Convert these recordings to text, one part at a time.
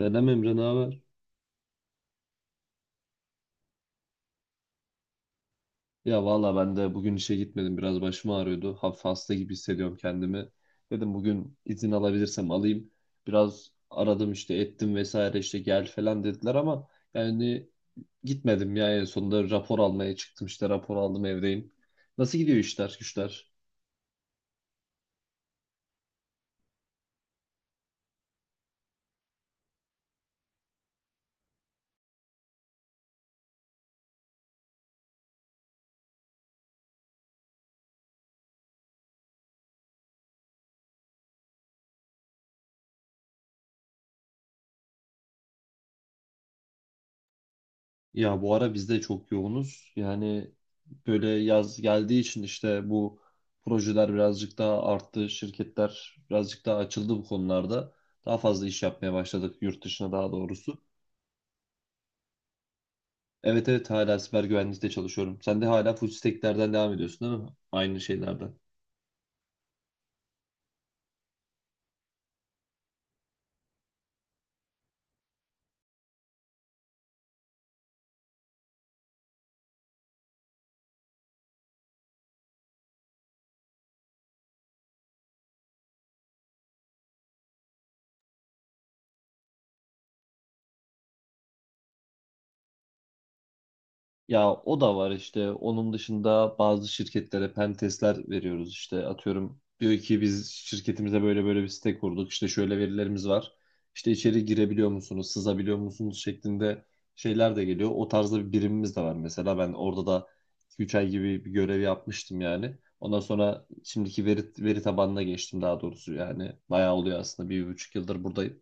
Selam Emre, ne haber? Ya valla ben de bugün işe gitmedim. Biraz başım ağrıyordu. Hafif hasta gibi hissediyorum kendimi. Dedim bugün izin alabilirsem alayım. Biraz aradım işte, ettim vesaire, işte gel falan dediler ama yani gitmedim ya, en sonunda rapor almaya çıktım, işte rapor aldım, evdeyim. Nasıl gidiyor işler güçler? Ya bu ara biz de çok yoğunuz. Yani böyle yaz geldiği için işte bu projeler birazcık daha arttı. Şirketler birazcık daha açıldı bu konularda. Daha fazla iş yapmaya başladık yurt dışına, daha doğrusu. Evet, evet, hala siber güvenlikte çalışıyorum. Sen de hala full stack'lerden devam ediyorsun değil mi? Aynı şeylerden. Ya o da var işte. Onun dışında bazı şirketlere pen testler veriyoruz işte. Atıyorum, diyor ki biz şirketimize böyle böyle bir site kurduk. İşte şöyle verilerimiz var. İşte içeri girebiliyor musunuz, sızabiliyor musunuz şeklinde şeyler de geliyor. O tarzda bir birimimiz de var mesela. Ben orada da 2-3 ay gibi bir görev yapmıştım yani. Ondan sonra şimdiki veri tabanına geçtim, daha doğrusu yani. Bayağı oluyor aslında. Bir, 1,5 yıldır buradayım.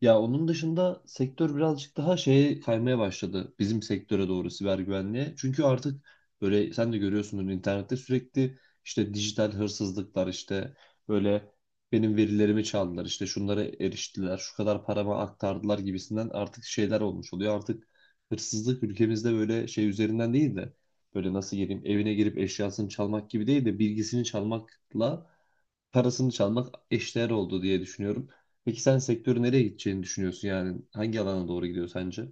Ya onun dışında sektör birazcık daha şeye kaymaya başladı, bizim sektöre doğru, siber güvenliğe. Çünkü artık böyle sen de görüyorsundur, internette sürekli işte dijital hırsızlıklar, işte böyle benim verilerimi çaldılar, işte şunlara eriştiler, şu kadar parama aktardılar gibisinden artık şeyler olmuş oluyor. Artık hırsızlık ülkemizde böyle şey üzerinden değil de, böyle nasıl geleyim, evine girip eşyasını çalmak gibi değil de bilgisini çalmakla parasını çalmak eşdeğer oldu diye düşünüyorum. Peki sen sektörü nereye gideceğini düşünüyorsun yani? Hangi alana doğru gidiyor sence?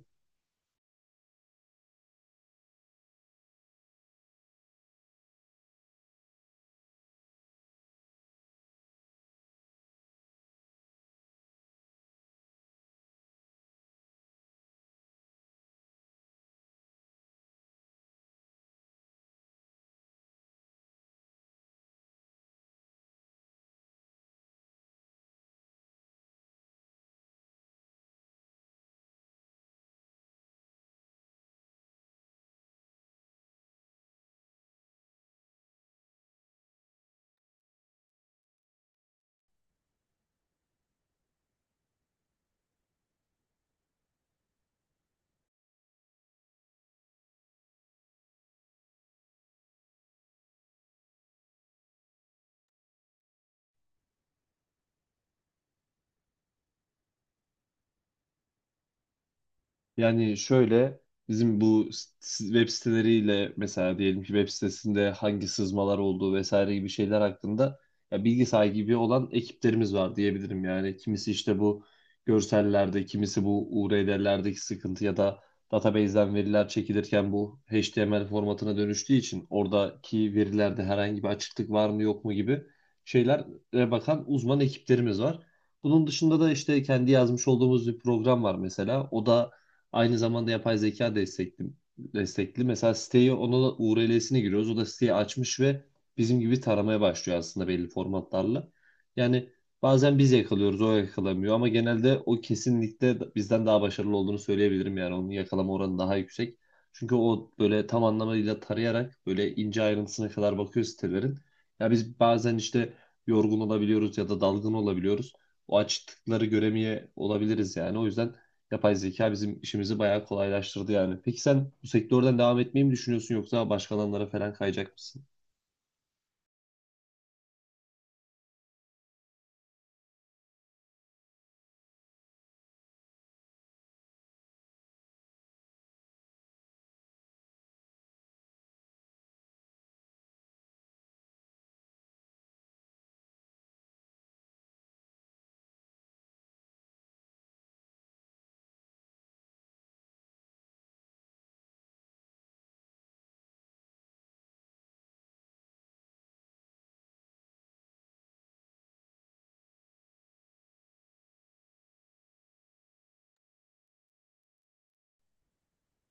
Yani şöyle, bizim bu web siteleriyle mesela, diyelim ki web sitesinde hangi sızmalar olduğu vesaire gibi şeyler hakkında ya bilgi sahibi olan ekiplerimiz var diyebilirim. Yani kimisi işte bu görsellerde, kimisi bu URL'lerdeki sıkıntı ya da database'den veriler çekilirken bu HTML formatına dönüştüğü için oradaki verilerde herhangi bir açıklık var mı yok mu gibi şeylere bakan uzman ekiplerimiz var. Bunun dışında da işte kendi yazmış olduğumuz bir program var mesela. O da aynı zamanda yapay zeka destekli. Mesela siteyi, ona da URL'sine giriyoruz. O da siteyi açmış ve bizim gibi taramaya başlıyor aslında, belli formatlarla. Yani bazen biz yakalıyoruz, o yakalamıyor ama genelde o kesinlikle bizden daha başarılı olduğunu söyleyebilirim, yani onun yakalama oranı daha yüksek. Çünkü o böyle tam anlamıyla tarayarak böyle ince ayrıntısına kadar bakıyor sitelerin. Ya biz bazen işte yorgun olabiliyoruz ya da dalgın olabiliyoruz. O açtıkları göremeye olabiliriz yani. O yüzden yapay zeka bizim işimizi bayağı kolaylaştırdı yani. Peki sen bu sektörden devam etmeyi mi düşünüyorsun yoksa başka alanlara falan kayacak mısın?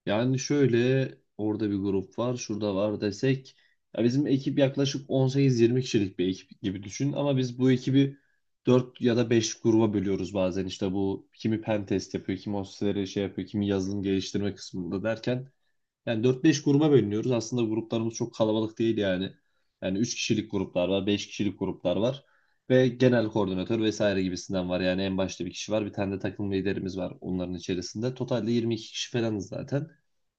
Yani şöyle, orada bir grup var, şurada var desek, ya bizim ekip yaklaşık 18-20 kişilik bir ekip gibi düşün ama biz bu ekibi 4 ya da 5 gruba bölüyoruz bazen. İşte bu, kimi pen test yapıyor, kimi o siteleri şey yapıyor, kimi yazılım geliştirme kısmında derken yani dört beş gruba bölünüyoruz. Aslında gruplarımız çok kalabalık değil yani. Yani 3 kişilik gruplar var, 5 kişilik gruplar var. Ve genel koordinatör vesaire gibisinden var. Yani en başta bir kişi var. Bir tane de takım liderimiz var onların içerisinde. Totalde 22 kişi falanız zaten.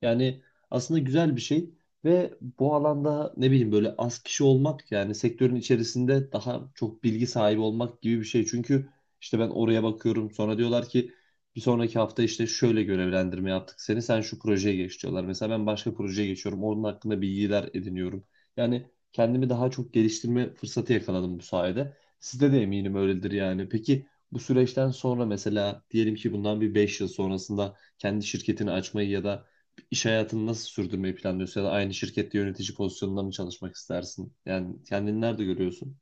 Yani aslında güzel bir şey. Ve bu alanda, ne bileyim, böyle az kişi olmak yani sektörün içerisinde daha çok bilgi sahibi olmak gibi bir şey. Çünkü işte ben oraya bakıyorum, sonra diyorlar ki bir sonraki hafta işte şöyle görevlendirme yaptık seni, sen şu projeye geç diyorlar. Mesela ben başka projeye geçiyorum, onun hakkında bilgiler ediniyorum. Yani kendimi daha çok geliştirme fırsatı yakaladım bu sayede. Sizde de eminim öyledir yani. Peki bu süreçten sonra, mesela diyelim ki bundan bir 5 yıl sonrasında kendi şirketini açmayı ya da iş hayatını nasıl sürdürmeyi planlıyorsun, ya da aynı şirkette yönetici pozisyonunda mı çalışmak istersin? Yani kendini nerede görüyorsun?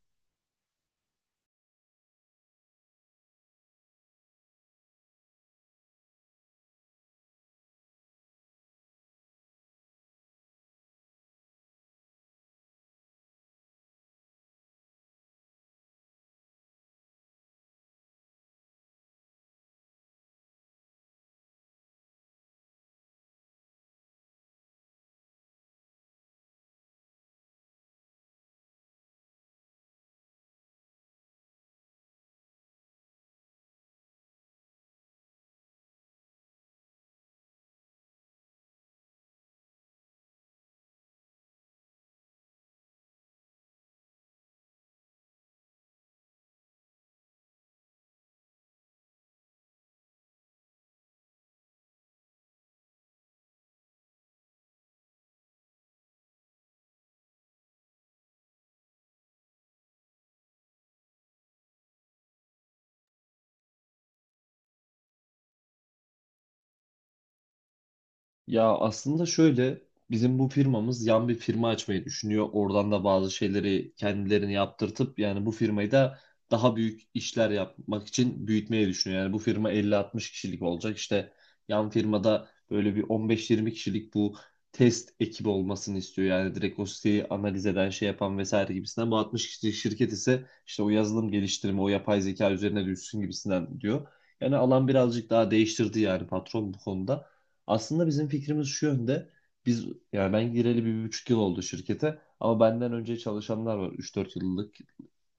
Ya aslında şöyle, bizim bu firmamız yan bir firma açmayı düşünüyor. Oradan da bazı şeyleri kendilerini yaptırtıp yani bu firmayı da daha büyük işler yapmak için büyütmeyi düşünüyor. Yani bu firma 50-60 kişilik olacak. İşte yan firmada böyle bir on beş 20 kişilik bu test ekibi olmasını istiyor. Yani direkt o siteyi analiz eden, şey yapan vesaire gibisinden. Bu 60 kişilik şirket ise işte o yazılım geliştirme, o yapay zeka üzerine düşsün gibisinden diyor. Yani alan birazcık daha değiştirdi yani patron bu konuda. Aslında bizim fikrimiz şu yönde. Biz, yani ben gireli bir, bir buçuk yıl oldu şirkete, ama benden önce çalışanlar var. 3-4 yıllık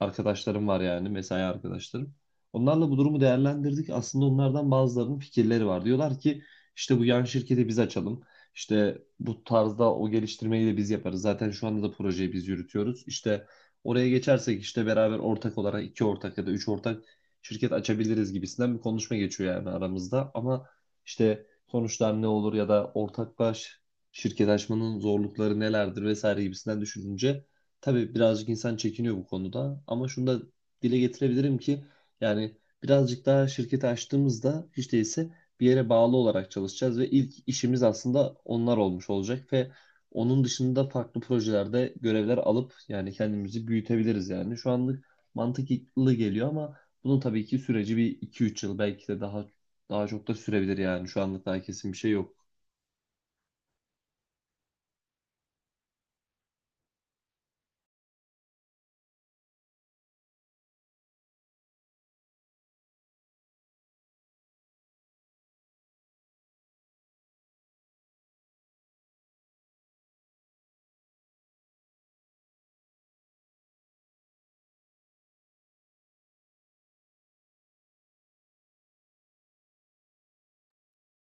arkadaşlarım var, yani mesai arkadaşlarım. Onlarla bu durumu değerlendirdik. Aslında onlardan bazılarının fikirleri var. Diyorlar ki işte bu yan şirketi biz açalım. İşte bu tarzda o geliştirmeyi de biz yaparız. Zaten şu anda da projeyi biz yürütüyoruz. İşte oraya geçersek işte beraber ortak olarak iki ortak ya da üç ortak şirket açabiliriz gibisinden bir konuşma geçiyor yani aramızda. Ama işte sonuçlar ne olur ya da ortaklaş şirket açmanın zorlukları nelerdir vesaire gibisinden düşününce tabii birazcık insan çekiniyor bu konuda, ama şunu da dile getirebilirim ki yani, birazcık daha şirketi açtığımızda hiç değilse bir yere bağlı olarak çalışacağız ve ilk işimiz aslında onlar olmuş olacak ve onun dışında farklı projelerde görevler alıp yani kendimizi büyütebiliriz yani. Şu anlık mantıklı geliyor ama bunun tabii ki süreci bir iki üç yıl, belki de daha çok da sürebilir yani. Şu anda daha kesin bir şey yok.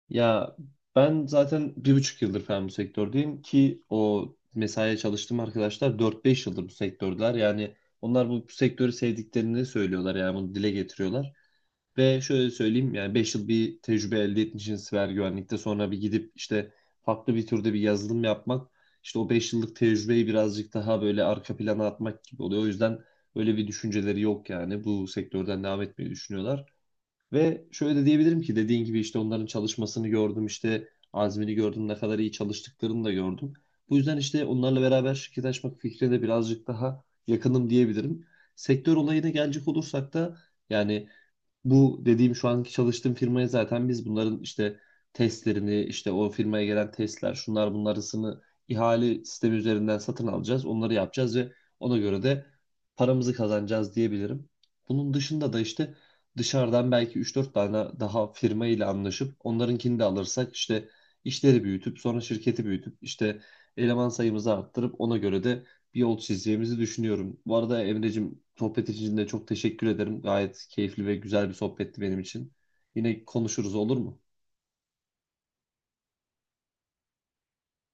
Ya ben zaten 1,5 yıldır falan bu sektördeyim, ki o mesaiye çalıştığım arkadaşlar 4-5 yıldır bu sektördeler. Yani onlar bu sektörü sevdiklerini söylüyorlar, yani bunu dile getiriyorlar. Ve şöyle söyleyeyim, yani 5 yıl bir tecrübe elde etmişsiniz siber güvenlikte, sonra bir gidip işte farklı bir türde bir yazılım yapmak işte o 5 yıllık tecrübeyi birazcık daha böyle arka plana atmak gibi oluyor. O yüzden öyle bir düşünceleri yok, yani bu sektörden devam etmeyi düşünüyorlar. Ve şöyle de diyebilirim ki, dediğin gibi işte onların çalışmasını gördüm, işte azmini gördüm, ne kadar iyi çalıştıklarını da gördüm. Bu yüzden işte onlarla beraber şirket açmak fikrine de birazcık daha yakınım diyebilirim. Sektör olayına gelecek olursak da, yani bu dediğim şu anki çalıştığım firmaya zaten biz bunların işte testlerini, işte o firmaya gelen testler, şunlar bunlarısını ihale sistemi üzerinden satın alacağız. Onları yapacağız ve ona göre de paramızı kazanacağız diyebilirim. Bunun dışında da işte dışarıdan belki 3-4 tane daha firma ile anlaşıp onlarınkini de alırsak işte işleri büyütüp sonra şirketi büyütüp işte eleman sayımızı arttırıp ona göre de bir yol çizeceğimizi düşünüyorum. Bu arada Emre'cim, sohbet için de çok teşekkür ederim. Gayet keyifli ve güzel bir sohbetti benim için. Yine konuşuruz, olur mu?